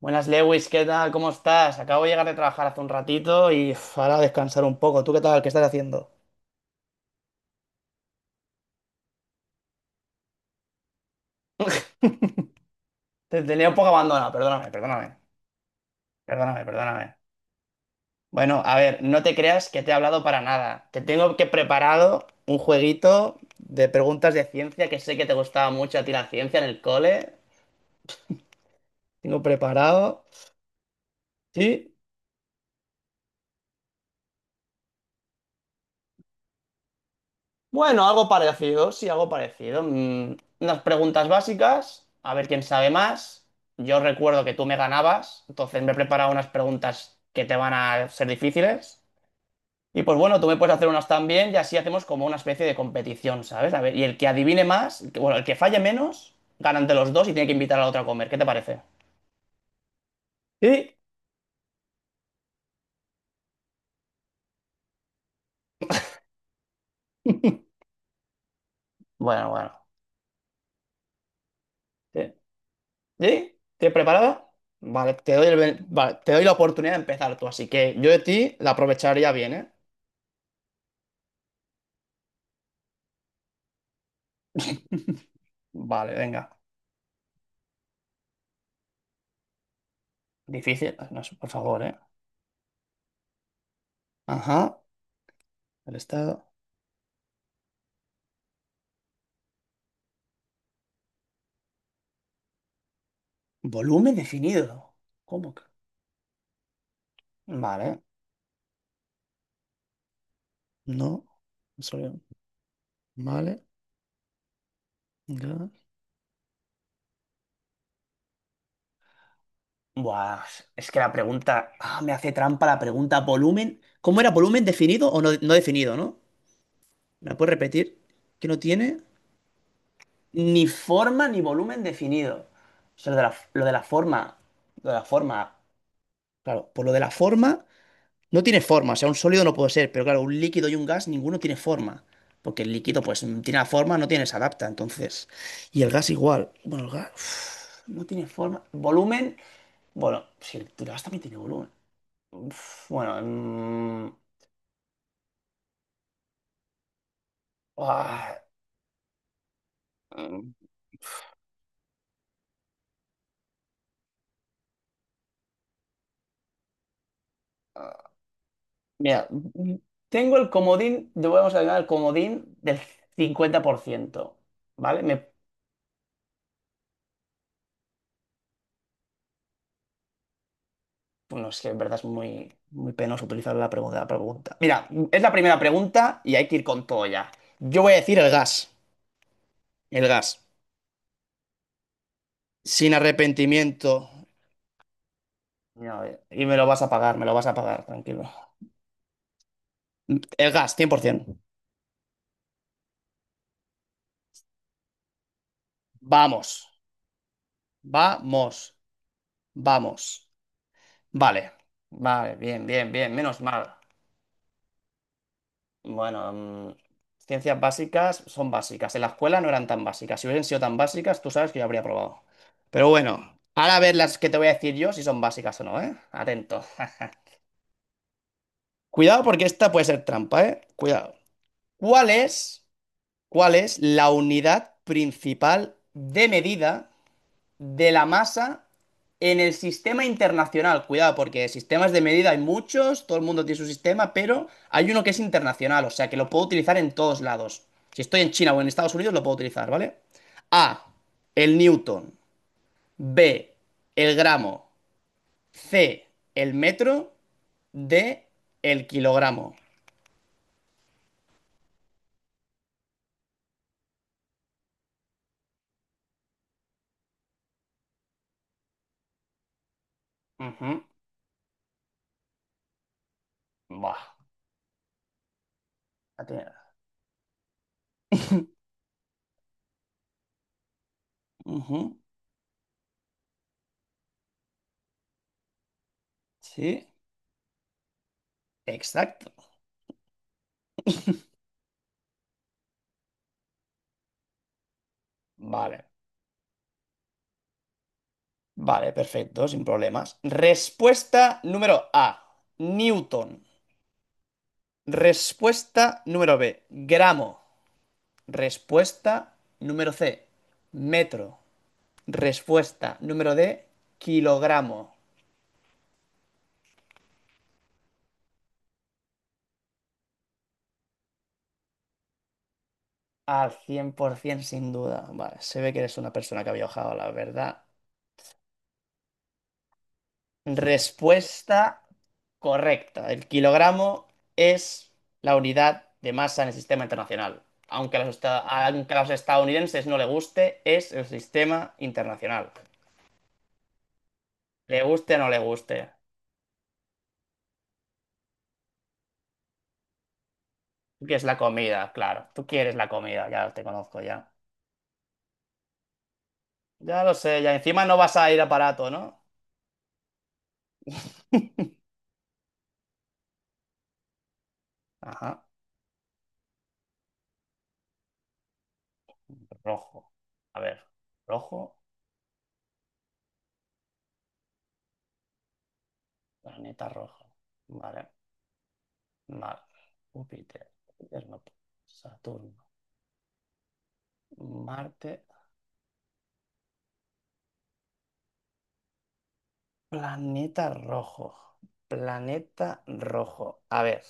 Buenas, Lewis, ¿qué tal? ¿Cómo estás? Acabo de llegar de trabajar hace un ratito y uf, ahora a descansar un poco. ¿Tú qué tal? ¿Qué estás haciendo? Te tenía un poco abandonado, perdóname, perdóname, perdóname, perdóname. Bueno, a ver, no te creas que te he hablado para nada. Te tengo que preparado un jueguito de preguntas de ciencia que sé que te gustaba mucho a ti la ciencia en el cole. Tengo preparado. Sí. Bueno, algo parecido, sí, algo parecido. Unas preguntas básicas, a ver quién sabe más. Yo recuerdo que tú me ganabas, entonces me he preparado unas preguntas que te van a ser difíciles. Y pues bueno, tú me puedes hacer unas también y así hacemos como una especie de competición, ¿sabes? A ver, y el que adivine más, bueno, el que falle menos, ganan de los dos y tiene que invitar a la otra a comer. ¿Qué te parece? Sí. Bueno, bueno. ¿Sí? ¿Sí? ¿Tienes preparada? Vale, te doy el ben- vale, te doy la oportunidad de empezar tú, así que yo de ti la aprovecharía bien, ¿eh? Vale, venga. Difícil. No, por favor, ¿eh? Ajá. El estado. Volumen definido. ¿Cómo que? Vale. No. Solo- Vale. Gas. Buah, es que la pregunta. Ah, me hace trampa la pregunta. Volumen. ¿Cómo era volumen definido o no, no definido, no? ¿Me la puedes repetir? Que no tiene ni forma ni volumen definido. O sea, lo de la forma. Lo de la forma. Claro, por lo de la forma. No tiene forma, o sea, un sólido no puede ser, pero claro, un líquido y un gas, ninguno tiene forma. Porque el líquido, pues, tiene la forma, no tiene, se adapta, entonces. Y el gas igual. Bueno, el gas uf, no tiene forma. Volumen, bueno, si el gas también tiene volumen. Uf, bueno, ah, mm, mira, tengo el comodín, vamos a ganar el comodín del 50%, ¿vale? Me. Bueno, es que en verdad es muy, muy penoso utilizar la pregunta, la pregunta. Mira, es la primera pregunta y hay que ir con todo ya. Yo voy a decir el gas. El gas. Sin arrepentimiento. No, y me lo vas a pagar, me lo vas a pagar, tranquilo. El gas, 100%. Vamos. Vamos. Vamos. Vale. Vale, bien, bien, bien. Menos mal. Bueno, ciencias básicas son básicas. En la escuela no eran tan básicas. Si hubiesen sido tan básicas, tú sabes que yo habría probado. Pero bueno, ahora a ver las que te voy a decir yo si son básicas o no, ¿eh? Atento. Cuidado porque esta puede ser trampa, ¿eh? Cuidado. ¿Cuál es, cuál es la unidad principal de medida de la masa en el sistema internacional? Cuidado, porque sistemas de medida hay muchos, todo el mundo tiene su sistema, pero hay uno que es internacional, o sea que lo puedo utilizar en todos lados. Si estoy en China o en Estados Unidos, lo puedo utilizar, ¿vale? A, el newton. B, el gramo. C, el metro. D, el kilogramo. Ujú. Buah. La tenía. Ujú. Sí, exacto. Vale. Vale, perfecto, sin problemas. Respuesta número A, Newton. Respuesta número B, gramo. Respuesta número C, metro. Respuesta número D, kilogramo. Al 100% sin duda. Vale, se ve que eres una persona que ha viajado, la verdad. Respuesta correcta. El kilogramo es la unidad de masa en el sistema internacional. Aunque a los estadounidenses no le guste, es el sistema internacional. Le guste o no le guste. Tú quieres la comida, claro. Tú quieres la comida, ya te conozco ya. Ya lo sé, ya encima no vas a ir a Parato, ¿no? Ajá. Rojo. A ver. Rojo, planeta rojo. Vale. Vale. Júpiter. Júpiter no. Saturno. Marte, planeta rojo, planeta rojo. A ver,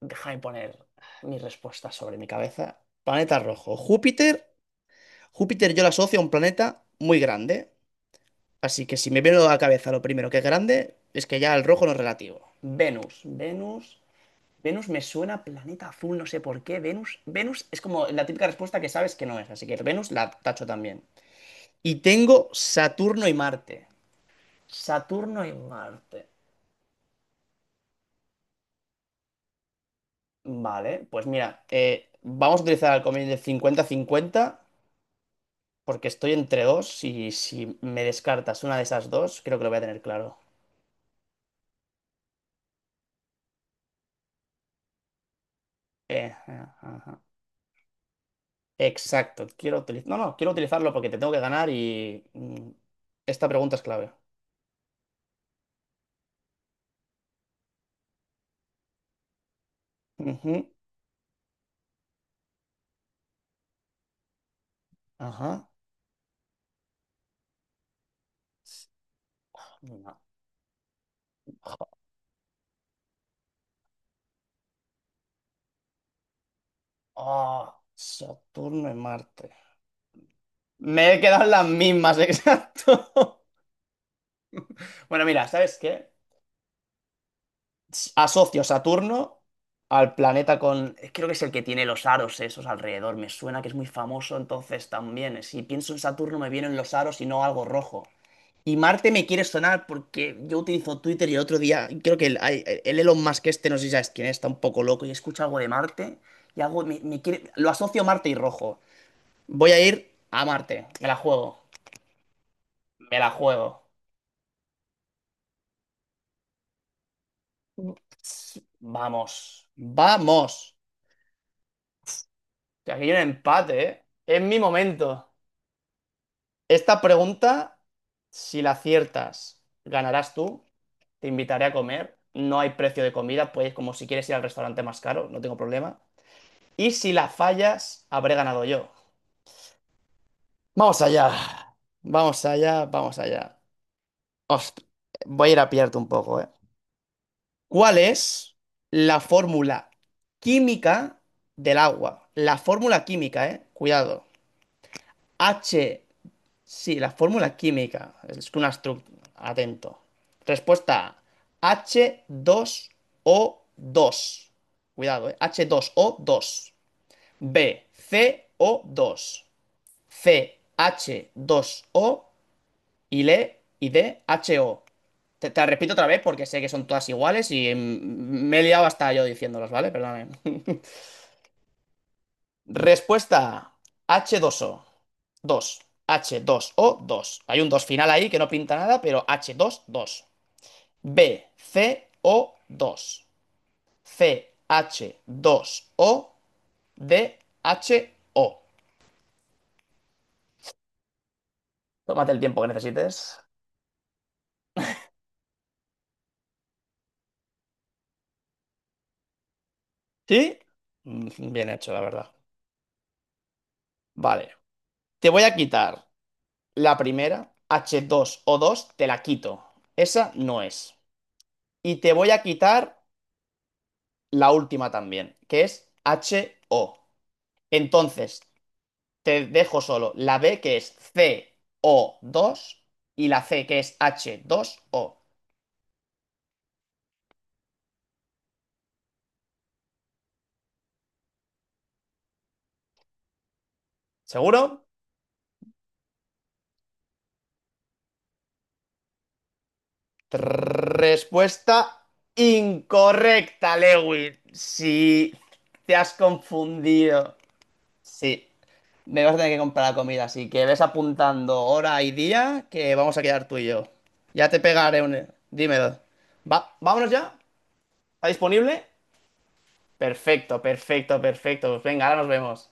déjame poner mi respuesta sobre mi cabeza. Planeta rojo, Júpiter. Júpiter yo la asocio a un planeta muy grande, así que si me viene a la cabeza lo primero que es grande, es que ya el rojo no es relativo. Venus, Venus, Venus me suena a planeta azul, no sé por qué. Venus, Venus es como la típica respuesta que sabes que no es, así que Venus la tacho también. Y tengo Saturno y Marte. Saturno y Marte. Vale, pues mira, vamos a utilizar el convenio de cincuenta-cincuenta porque estoy entre dos y si me descartas una de esas dos, creo que lo voy a tener claro. Ajá, ajá. Exacto, quiero utilizar. No, no, quiero utilizarlo porque te tengo que ganar y esta pregunta es clave. Ujú, ajá. No. Jo- Saturno y Marte. Me he quedado en las mismas, exacto. Bueno, mira, ¿sabes qué? Asocio Saturno al planeta con. Creo que es el que tiene los aros esos alrededor. Me suena que es muy famoso, entonces también. Si pienso en Saturno me vienen los aros y no algo rojo. Y Marte me quiere sonar porque yo utilizo Twitter y el otro día, creo que el Elon Musk este, no sé si sabes quién es, está un poco loco y escucha algo de Marte y algo me quiere. Lo asocio a Marte y rojo. Voy a ir a Marte. Me la juego. Me la juego. Vamos. Vamos. Que aquí hay un empate, ¿eh? Es mi momento. Esta pregunta, si la aciertas, ganarás tú. Te invitaré a comer. No hay precio de comida, puedes como si quieres ir al restaurante más caro, no tengo problema. Y si la fallas, habré ganado yo. Vamos allá. Vamos allá, vamos allá. Os- Voy a ir a pillarte un poco, ¿eh? ¿Cuál es la fórmula química del agua? La fórmula química, ¿eh? Cuidado. Sí, la fórmula química. Es una estructura. Atento. Respuesta A, H2O2. Cuidado, h dos o dos. B, CO2. C, H2O y le y D, HO. Te la repito otra vez porque sé que son todas iguales y me he liado hasta yo diciéndolas, ¿vale? Perdóname. Respuesta H2O, 2 o dos h 2 o dos. Hay un dos final ahí que no pinta nada, pero H2 dos dos. B, CO2. C, H2O. D, HO. Tómate el tiempo que necesites. ¿Sí? Bien hecho, la verdad. Vale. Te voy a quitar la primera, h dos o dos te la quito. Esa no es. Y te voy a quitar la última también, que es H O. Entonces, te dejo solo la B que es CO2 y la C que es H2O. ¿Seguro? Trrr, respuesta incorrecta, Lewin. Sí, te has confundido. Sí, me vas a tener que comprar la comida, así que ves apuntando hora y día que vamos a quedar tú y yo. Ya te pegaré un. Dímelo. Va, ¿vámonos ya? ¿Está disponible? Perfecto, perfecto, perfecto. Pues venga, ahora nos vemos.